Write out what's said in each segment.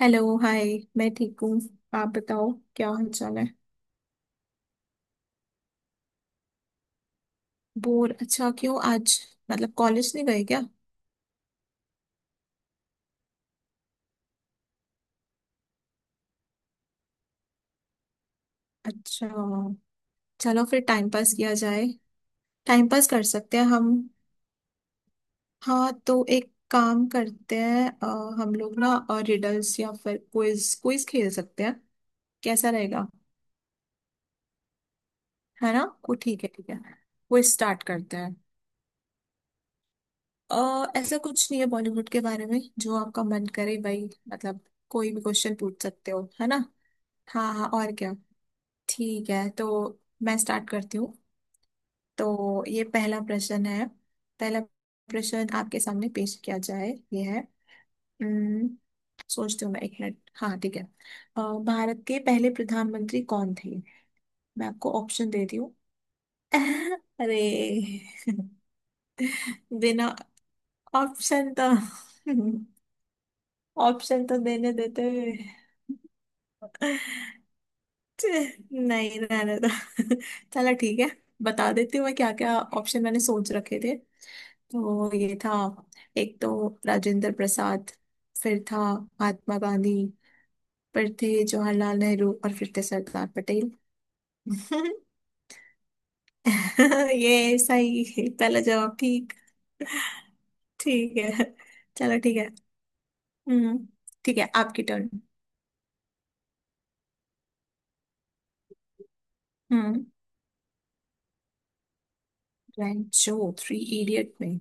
Hello hi. मैं ठीक हूँ। आप बताओ, क्या हाल चाल है? बोर? अच्छा क्यों आज? मतलब कॉलेज नहीं गए क्या? अच्छा, चलो फिर टाइम पास किया जाए। टाइम पास कर सकते हैं हम। हाँ तो एक काम करते हैं, हम लोग ना और रिडल्स या फिर क्विज क्विज खेल सकते हैं। कैसा रहेगा? है ना, वो ठीक है। ठीक है, क्विज स्टार्ट करते हैं। ऐसा कुछ नहीं है, बॉलीवुड के बारे में जो आपका मन करे भाई, मतलब कोई भी क्वेश्चन पूछ सकते हो, है ना। हाँ हाँ, और क्या। ठीक है तो मैं स्टार्ट करती हूँ। तो ये पहला प्रश्न है। पहला प्रश्न आपके सामने पेश किया जाए ये है। अम्म, सोचती हूँ मैं एक मिनट, हाँ ठीक है। भारत के पहले प्रधानमंत्री कौन थे? मैं आपको ऑप्शन देती हूँ। अरे, बिना ऑप्शन तो ऑप्शन तो देने देते हुए। छे, नहीं रहने दो। चलो ठीक है, बता देती हूँ मैं क्या क्या ऑप्शन मैंने सोच रखे थे। तो ये था, एक तो राजेंद्र प्रसाद, फिर था महात्मा गांधी, फिर थे जवाहरलाल नेहरू, और फिर थे सरदार पटेल। ये सही है। पहला जवाब ठीक। ठीक है, चलो ठीक है। हम्म, ठीक है आपकी टर्न। हम्म, रैंक जो थ्री इडियट में।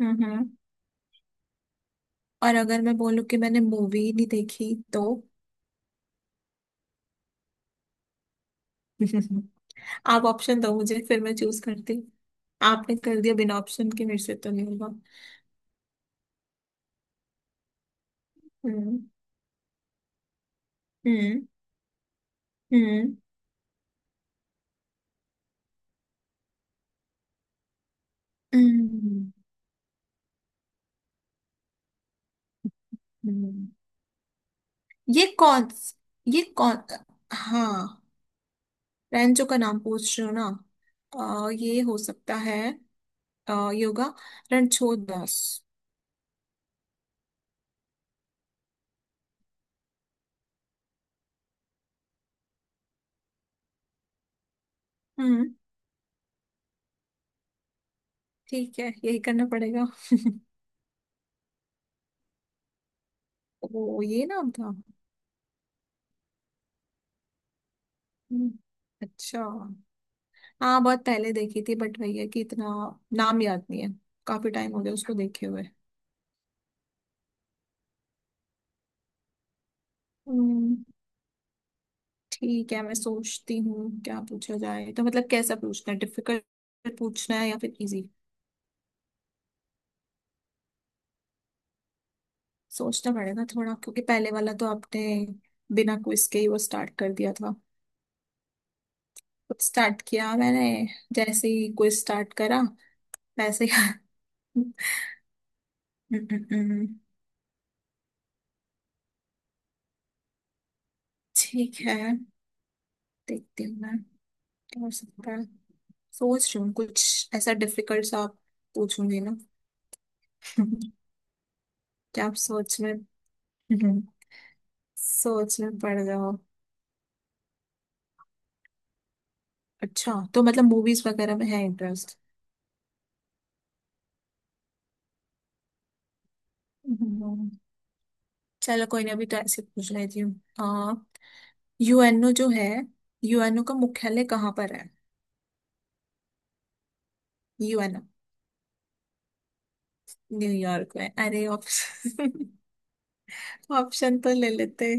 हम्म हम्म। और अगर मैं बोलूं कि मैंने मूवी ही नहीं देखी तो? आप ऑप्शन दो मुझे, फिर मैं चूज करती। आपने कर दिया, बिना ऑप्शन के मेरे से तो नहीं होगा। हम्म। हम्म हम्म हम्म, हम्म। ये कौन, ये कौन? हाँ, रैंचो का नाम पूछ रहे हो ना? आ, ये हो सकता है, आ, योगा, रणछोड़ दास। हम्म, ठीक है यही करना पड़ेगा। ओ, ये नाम था। हम्म, अच्छा। हाँ बहुत पहले देखी थी, बट वही है कि इतना नाम याद नहीं है। काफी टाइम हो गया उसको देखे हुए। हम्म, ठीक है, मैं सोचती हूँ क्या पूछा जाए। तो मतलब कैसा पूछना है, डिफिकल्ट पूछना है या फिर इजी? सोचना पड़ेगा थोड़ा, क्योंकि पहले वाला तो आपने बिना क्विज के ही वो स्टार्ट कर दिया था। खुद स्टार्ट किया मैंने, जैसे ही क्विज स्टार्ट करा वैसे ही हम्म, ठीक है देखती हूँ मैं क्या हो सकता है। सोच रही हूँ कुछ ऐसा डिफिकल्ट सा आप पूछूंगी ना। क्या आप सोच में सोच में पड़ जाओ। अच्छा तो मतलब मूवीज वगैरह में है इंटरेस्ट? हम्म। चलो कोई ना, अभी तो ऐसे पूछ लेती हूँ। आ, यूएनओ जो है, यूएनओ का मुख्यालय कहाँ पर है? यूएनओ न्यूयॉर्क में? अरे ऑप्शन, ऑप्शन तो ले लेते।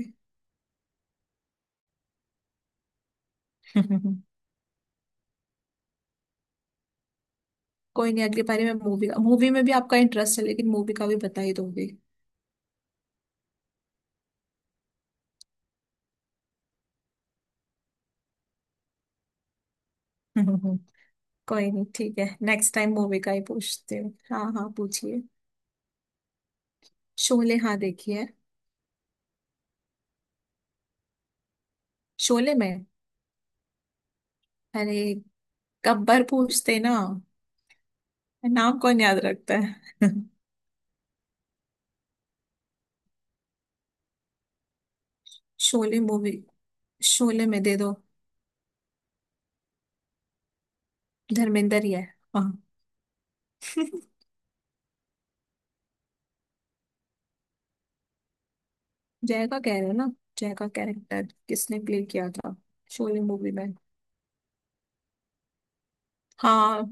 कोई नहीं, अगली बारी में मूवी का। मूवी में भी आपका इंटरेस्ट है, लेकिन मूवी का भी बता ही दोगे। कोई नहीं, ठीक है नेक्स्ट टाइम मूवी का ही पूछते हो। हाँ हाँ, पूछिए। शोले? हाँ देखिए। शोले में, अरे गब्बर पूछते ना, नाम कौन याद रखता है। शोले मूवी, शोले में दे दो। धर्मेंद्र ही है हाँ। जय का कह रहे हो ना? जय का कैरेक्टर किसने प्ले किया था, शोले मूवी में? हाँ,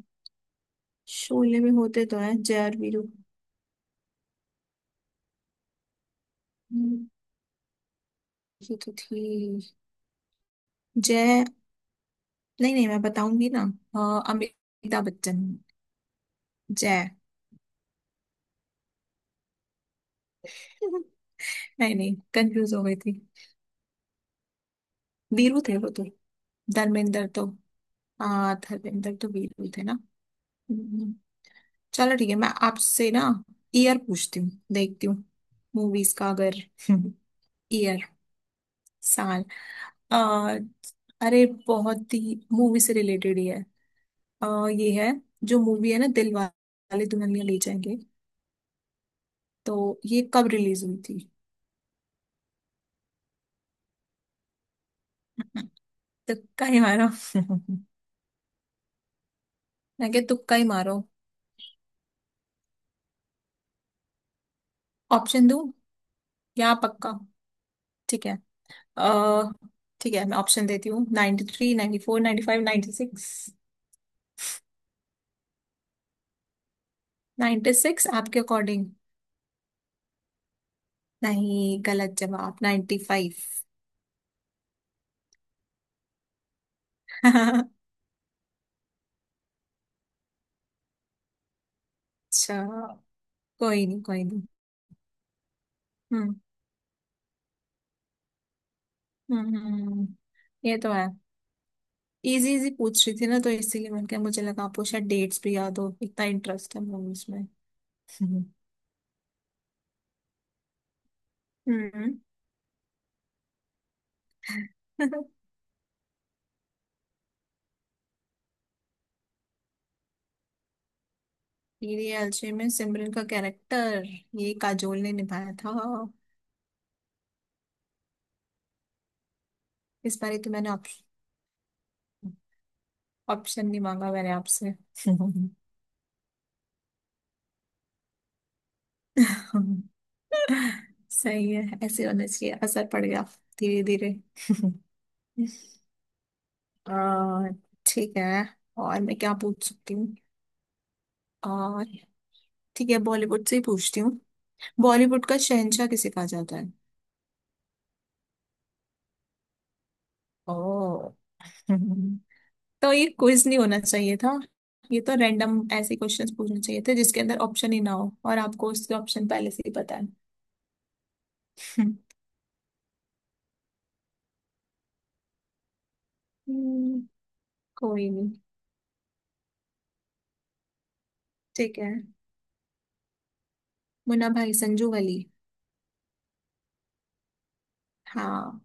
शोले में होते तो हैं जय और वीरू। हम्म, ये तो थी। जय, नहीं नहीं मैं बताऊंगी ना। हाँ, अमिताभ बच्चन, जय। नहीं नहीं कंफ्यूज हो गई थी। वीरू थे वो तो। धर्मेंद्र तो, हाँ धर्मेंद्र तो वीरू थे ना। चलो ठीक है, मैं आपसे ना ईयर पूछती हूँ, देखती हूँ मूवीज का अगर। ईयर, साल। आ, अरे बहुत ही मूवी से रिलेटेड ही है। आ, ये है, जो मूवी है ना दिल वाले दुल्हनिया ले जाएंगे, तो ये कब रिलीज हुई थी? तुक्का ही मारो। मैं क्या, तुक्का ही मारो। ऑप्शन दूं या पक्का? ठीक है, आ, ठीक है मैं ऑप्शन देती हूँ। 93, three ninety four, ninety five, ninety six. Ninety six आपके अकॉर्डिंग? नहीं, गलत जवाब, 95 फाइव। अच्छा, कोई नहीं, कोई नहीं। हम्म हम्म हम्म, हम्म। ये तो है, इजी इजी पूछ रही थी ना, तो इसीलिए मैंने कहा मुझे लगा आपको शायद डेट्स भी याद हो, इतना इंटरेस्ट है मूवीज में। हम्म, टीडी एलजे में सिमरन का कैरेक्टर ये काजोल ने निभाया था। इस बारे तो मैंने ऑप्शन, ऑप्शन नहीं मांगा मैंने आपसे। सही है, ऐसे होना चाहिए, असर पड़ गया धीरे धीरे। अ, ठीक है, और मैं क्या पूछ सकती हूँ? और ठीक है, बॉलीवुड से ही पूछती हूँ। बॉलीवुड का शहंशाह किसे कहा जाता है? ओ, तो ये क्विज नहीं होना चाहिए था। ये तो रैंडम ऐसे क्वेश्चंस पूछने चाहिए थे, जिसके अंदर ऑप्शन ही ना हो, और आपको उसके ऑप्शन पहले से ही पता है। हम्म, कोई नहीं, ठीक है। मुन्ना भाई, संजू वली? हाँ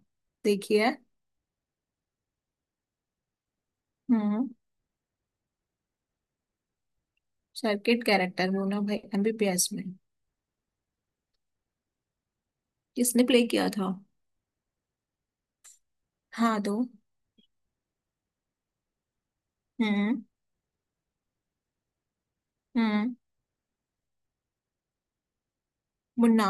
देखिए। हम्म, circuit character Munna Bhai MBBS में किसने प्ले किया था? हाँ दो। हम्म। हम्म, मुन्ना,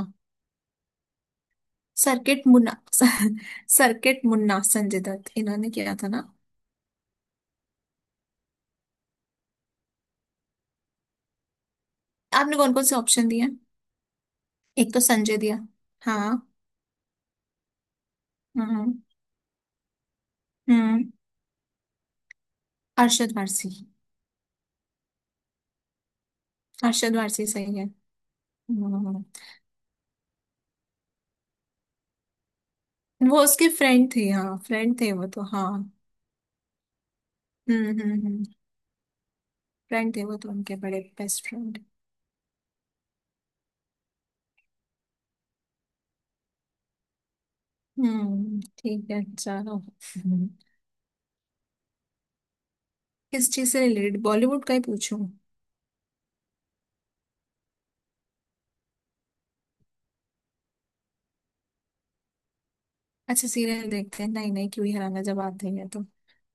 सर्किट मुन्ना। सर्किट, मुन्ना संजय दत्त, इन्होंने किया था ना। आपने कौन कौन से ऑप्शन दिए? एक तो संजय दिया हाँ। हम्म। हम्म, अरशद वारसी। अरशद वारसी सही है। हम्म, वो उसके फ्रेंड थे, हाँ फ्रेंड थे वो तो हाँ। हम्म, फ्रेंड थे वो तो उनके, बड़े बेस्ट फ्रेंड। हम्म, ठीक है चलो। किस चीज से रिलेटेड, बॉलीवुड का ही पूछूं? अच्छा, सीरियल देखते हैं? नहीं नहीं, क्यों ही हराना, जब आते हैं तो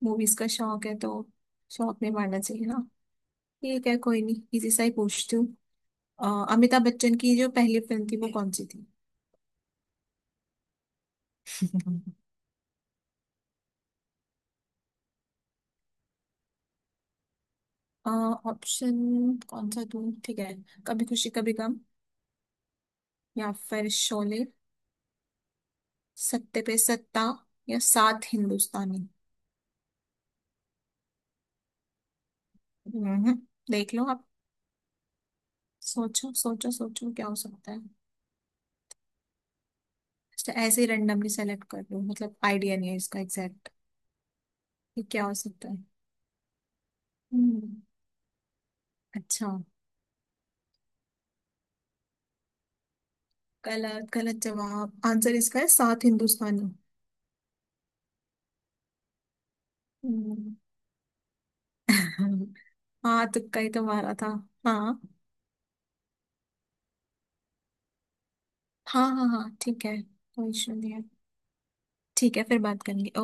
मूवीज का शौक है तो, शौक नहीं मारना चाहिए हाँ। ठीक है, कोई नहीं, इसी से ही पूछती हूँ। अमिताभ बच्चन की जो पहली फिल्म थी वो कौन सी थी? ऑप्शन कौन सा दूँ? ठीक है। कभी खुशी कभी गम, या फिर शोले, सत्ते पे सत्ता, या सात हिंदुस्तानी। हम्म, देख लो आप। सोचो सोचो सोचो, क्या हो सकता है। अच्छा, ऐसे ही randomly सेलेक्ट कर लो, मतलब आइडिया नहीं है इसका एग्जैक्ट? ये क्या हो सकता है? हम्म, अच्छा। गलत, गलत जवाब। आंसर इसका है सात हिंदुस्तानी। हम्म, हाँ तुक्का ही तो मारा था। हाँ हाँ हाँ, हाँ ठीक है, कोई इशू नहीं है। ठीक है, फिर बात करेंगे।